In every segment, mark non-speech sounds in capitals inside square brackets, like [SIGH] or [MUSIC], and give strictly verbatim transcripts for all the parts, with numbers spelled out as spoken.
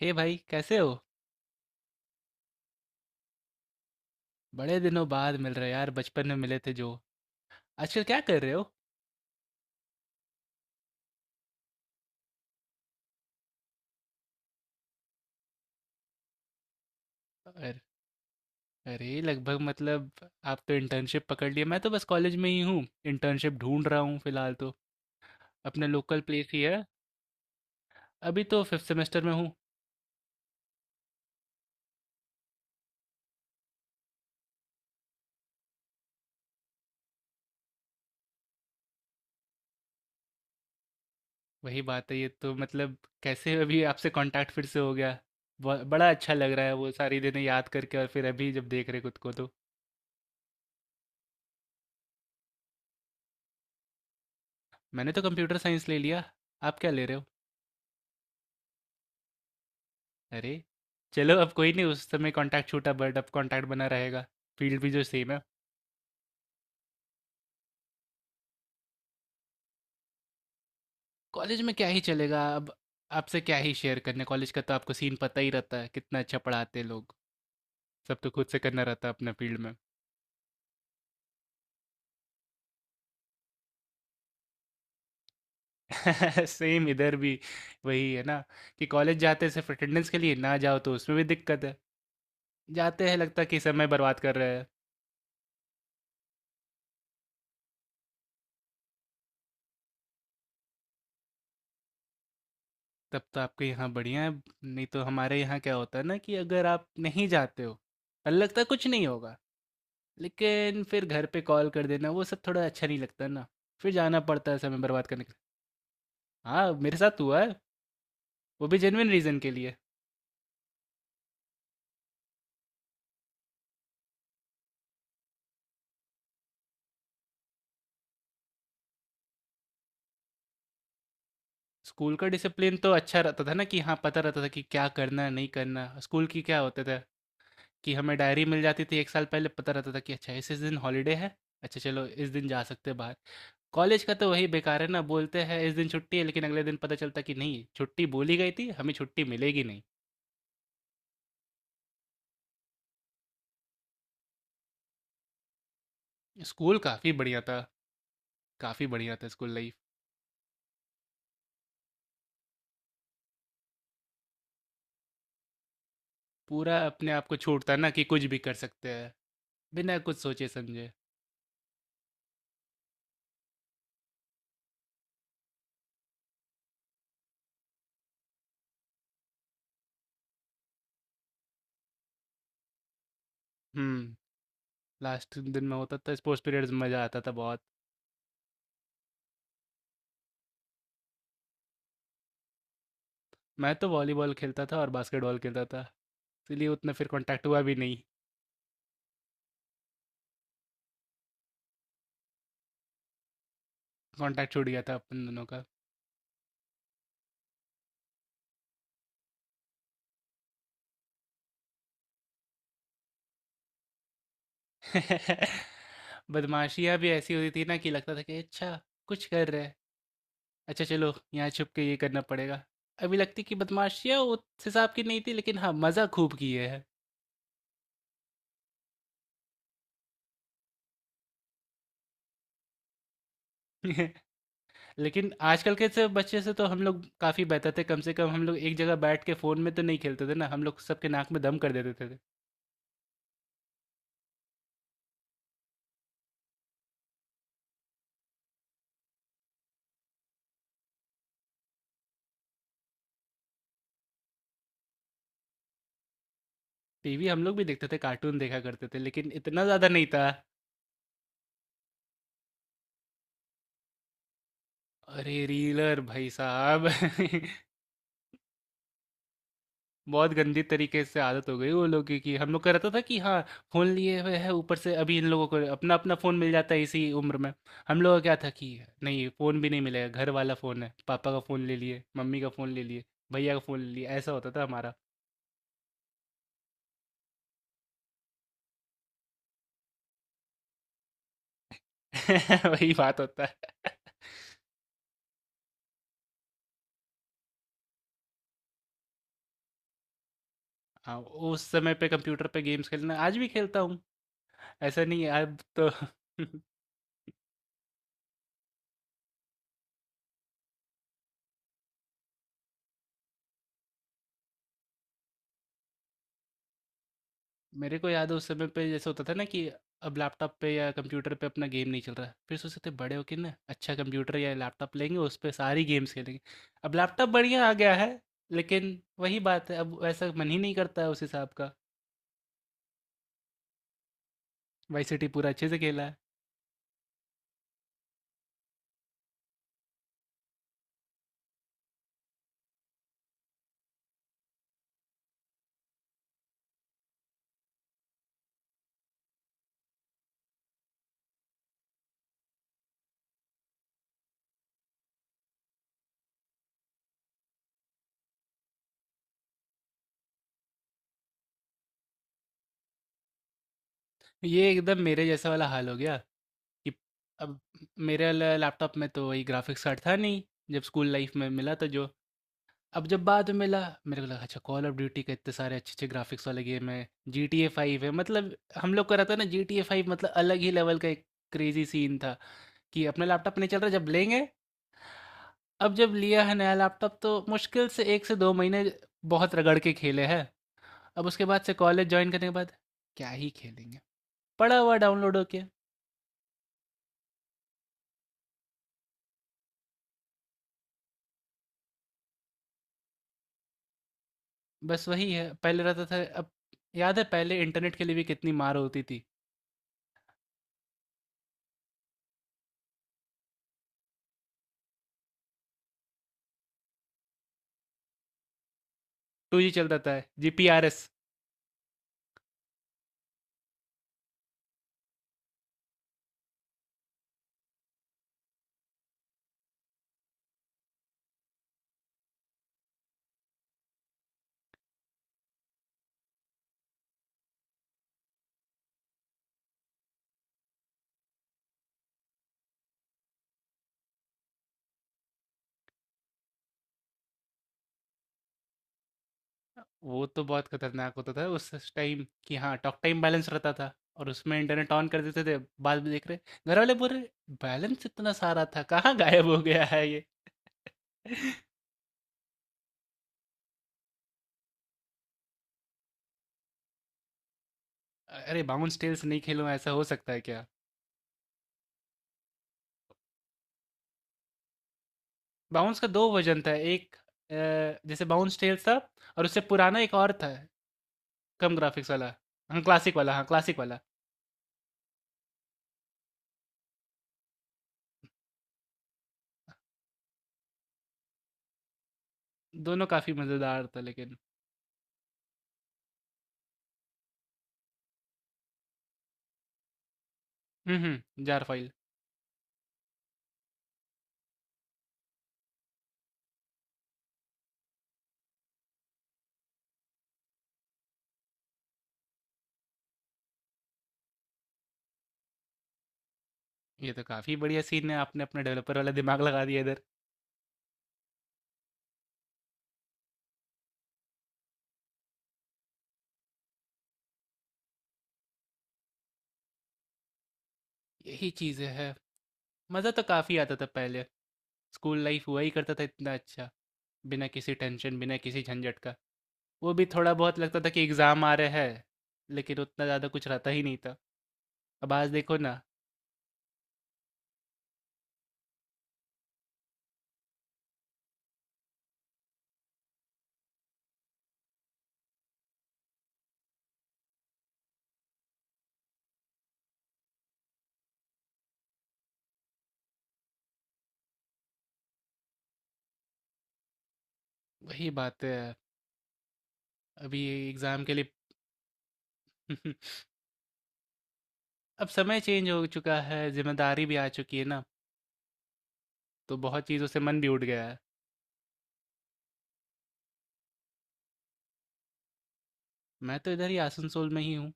हे भाई कैसे हो। बड़े दिनों बाद मिल रहे यार, बचपन में मिले थे जो। आजकल क्या कर रहे हो? अर- अरे लगभग मतलब, आप तो इंटर्नशिप पकड़ लिए, मैं तो बस कॉलेज में ही हूँ। इंटर्नशिप ढूंढ रहा हूँ फिलहाल तो, अपने लोकल प्लेस ही है। अभी तो फिफ्थ सेमेस्टर में हूँ। वही बात है ये तो मतलब, कैसे अभी आपसे कांटेक्ट फिर से हो गया। ब- बड़ा अच्छा लग रहा है वो सारी दिनें याद करके और फिर अभी जब देख रहे खुद को तो। मैंने तो कंप्यूटर साइंस ले लिया, आप क्या ले रहे हो? अरे! चलो अब कोई नहीं, उस समय कॉन्टैक्ट छूटा बट अब कॉन्टैक्ट बना रहेगा। फ़ील्ड भी जो सेम है। कॉलेज में क्या ही चलेगा अब, आपसे क्या ही शेयर करने, कॉलेज का तो आपको सीन पता ही रहता है, कितना अच्छा पढ़ाते हैं लोग। सब तो खुद से करना रहता है अपना फ़ील्ड में। [LAUGHS] सेम इधर भी। वही है ना कि कॉलेज जाते हैं सिर्फ़ अटेंडेंस के लिए, ना जाओ तो उसमें भी दिक्कत है। जाते हैं लगता है कि समय बर्बाद कर रहे हैं। तब तो आपके यहाँ बढ़िया है, नहीं तो हमारे यहाँ क्या होता है ना कि अगर आप नहीं जाते हो, लगता है कुछ नहीं होगा। लेकिन फिर घर पे कॉल कर देना वो सब थोड़ा अच्छा नहीं लगता ना, फिर जाना पड़ता है समय बर्बाद करने के लिए। हाँ, मेरे साथ हुआ है, वो भी जेन्युइन रीज़न के लिए। स्कूल का डिसिप्लिन तो अच्छा रहता था ना कि हाँ, पता रहता था कि क्या करना है नहीं करना। स्कूल की क्या होता था कि हमें डायरी मिल जाती थी, एक साल पहले पता रहता था कि अच्छा इस इस दिन हॉलीडे है, अच्छा चलो इस दिन जा सकते हैं बाहर। कॉलेज का तो वही बेकार है ना, बोलते हैं इस दिन छुट्टी है लेकिन अगले दिन पता चलता कि नहीं, छुट्टी बोली गई थी हमें, छुट्टी मिलेगी नहीं। स्कूल काफ़ी बढ़िया था। काफ़ी बढ़िया था स्कूल लाइफ। पूरा अपने आप को छूटता है ना कि कुछ भी कर सकते हैं, बिना कुछ सोचे समझे। हुँ, लास्ट दिन में होता था स्पोर्ट्स पीरियड्स में, मज़ा आता था बहुत। मैं तो वॉलीबॉल खेलता था और बास्केटबॉल खेलता था, इसीलिए उतना फिर कॉन्टैक्ट हुआ भी नहीं, कॉन्टैक्ट छूट गया था अपन दोनों का। [LAUGHS] बदमाशियाँ भी ऐसी होती थी ना कि लगता था कि अच्छा, कुछ कर रहे हैं, अच्छा चलो यहाँ छुप के ये करना पड़ेगा। अभी लगती कि बदमाशियाँ उस हिसाब की नहीं थी लेकिन हाँ, मज़ा खूब किए हैं। [LAUGHS] लेकिन आजकल के से बच्चे से तो हम लोग काफ़ी बेहतर थे, कम से कम हम लोग एक जगह बैठ के फ़ोन में तो नहीं खेलते थे ना, हम लोग सबके नाक में दम कर देते थे। टीवी हम लोग भी देखते थे, कार्टून देखा करते थे, लेकिन इतना ज़्यादा नहीं था। अरे! रीलर भाई साहब। [LAUGHS] बहुत गंदी तरीके से आदत हो गई वो लोगों की। कि हम लोग का रहता था कि हाँ, फ़ोन लिए हुए हैं, ऊपर से अभी इन लोगों को अपना-अपना फ़ोन मिल जाता है इसी उम्र में। हम लोगों का क्या था कि नहीं, फ़ोन भी नहीं मिलेगा, घर वाला फ़ोन है, पापा का फ़ोन ले लिए, मम्मी का फ़ोन ले लिए, भैया का फ़ोन ले लिए, ऐसा होता था हमारा। [LAUGHS] वही बात होता है। हाँ, उस समय पे कंप्यूटर पे गेम्स खेलना आज भी खेलता हूँ, ऐसा नहीं है अब तो। [LAUGHS] मेरे को याद है उस समय पे जैसे होता था ना कि अब लैपटॉप पे या कंप्यूटर पे अपना गेम नहीं चल रहा है। फिर सोचते थे बड़े होके ना अच्छा कंप्यूटर या लैपटॉप लेंगे उस पे सारी गेम्स खेलेंगे। अब लैपटॉप बढ़िया आ गया है, लेकिन वही बात है अब वैसा मन ही नहीं करता है उस हिसाब का। वाई सिटी पूरा अच्छे से खेला है। ये एकदम मेरे जैसा वाला हाल हो गया कि अब मेरे ल- लैपटॉप में तो वही ग्राफिक्स कार्ड था नहीं, जब स्कूल लाइफ में मिला था जो। अब जब बाद में मिला, मेरे को लगा अच्छा कॉल ऑफ ड्यूटी के इतने सारे अच्छे अच्छे ग्राफिक्स वाले गेम है, जी टी ए फाइव है, मतलब हम लोग का रहता है ना जी टी ए फाइव मतलब अलग ही लेवल का एक क्रेजी सीन था कि अपना लैपटॉप नहीं चल रहा, जब लेंगे। अब जब लिया है नया लैपटॉप तो मुश्किल से एक से दो महीने बहुत रगड़ के खेले हैं, अब उसके बाद से कॉलेज ज्वाइन करने के बाद क्या ही खेलेंगे, पड़ा हुआ डाउनलोड हो के। बस वही है, पहले रहता था अब। याद है पहले इंटरनेट के लिए भी कितनी मार होती थी। टू जी चलता था, जी पी आर एस। वो तो बहुत खतरनाक होता था उस टाइम कि हाँ, टॉक टाइम बैलेंस रहता था और उसमें इंटरनेट ऑन कर देते थे, बाद में देख रहे घर वाले बोल रहे, बैलेंस इतना सारा था, कहाँ गायब हो गया है ये? [LAUGHS] अरे बाउंस टेल्स नहीं खेलो ऐसा हो सकता है क्या? बाउंस का दो वर्जन था, एक अ, जैसे बाउंस टेल्स था, और उससे पुराना एक और था, कम ग्राफिक्स वाला, हाँ क्लासिक वाला, हाँ क्लासिक वाला। दोनों काफ़ी मज़ेदार था लेकिन। हुँ, हुँ, जार फ़ाइल। ये तो काफ़ी बढ़िया सीन है, आपने अपना डेवलपर वाला दिमाग लगा दिया इधर। यही चीज़ें हैं। मज़ा तो काफ़ी आता था पहले। स्कूल लाइफ़ हुआ ही करता था इतना अच्छा, बिना किसी टेंशन, बिना किसी झंझट का। वो भी थोड़ा बहुत लगता था कि एग्ज़ाम आ रहे हैं, लेकिन उतना ज़्यादा कुछ रहता ही नहीं था। अब आज देखो ना, वही बात है, अभी एग्ज़ाम के लिए। [LAUGHS] अब समय चेंज हो चुका है, ज़िम्मेदारी भी आ चुकी है ना, तो बहुत चीज़ों से मन भी उठ गया है। मैं तो इधर ही आसनसोल में ही हूँ।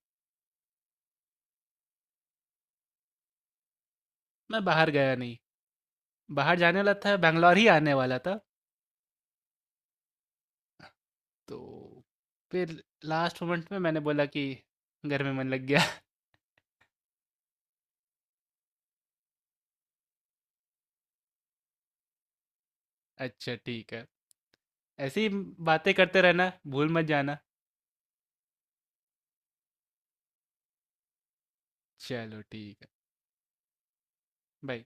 मैं बाहर गया नहीं, बाहर जाने वाला था, बैंगलोर ही आने वाला था, तो फिर लास्ट मोमेंट में मैंने बोला कि घर में मन लग गया। [LAUGHS] अच्छा ठीक है, ऐसी बातें करते रहना, भूल मत जाना। चलो ठीक है, बाय।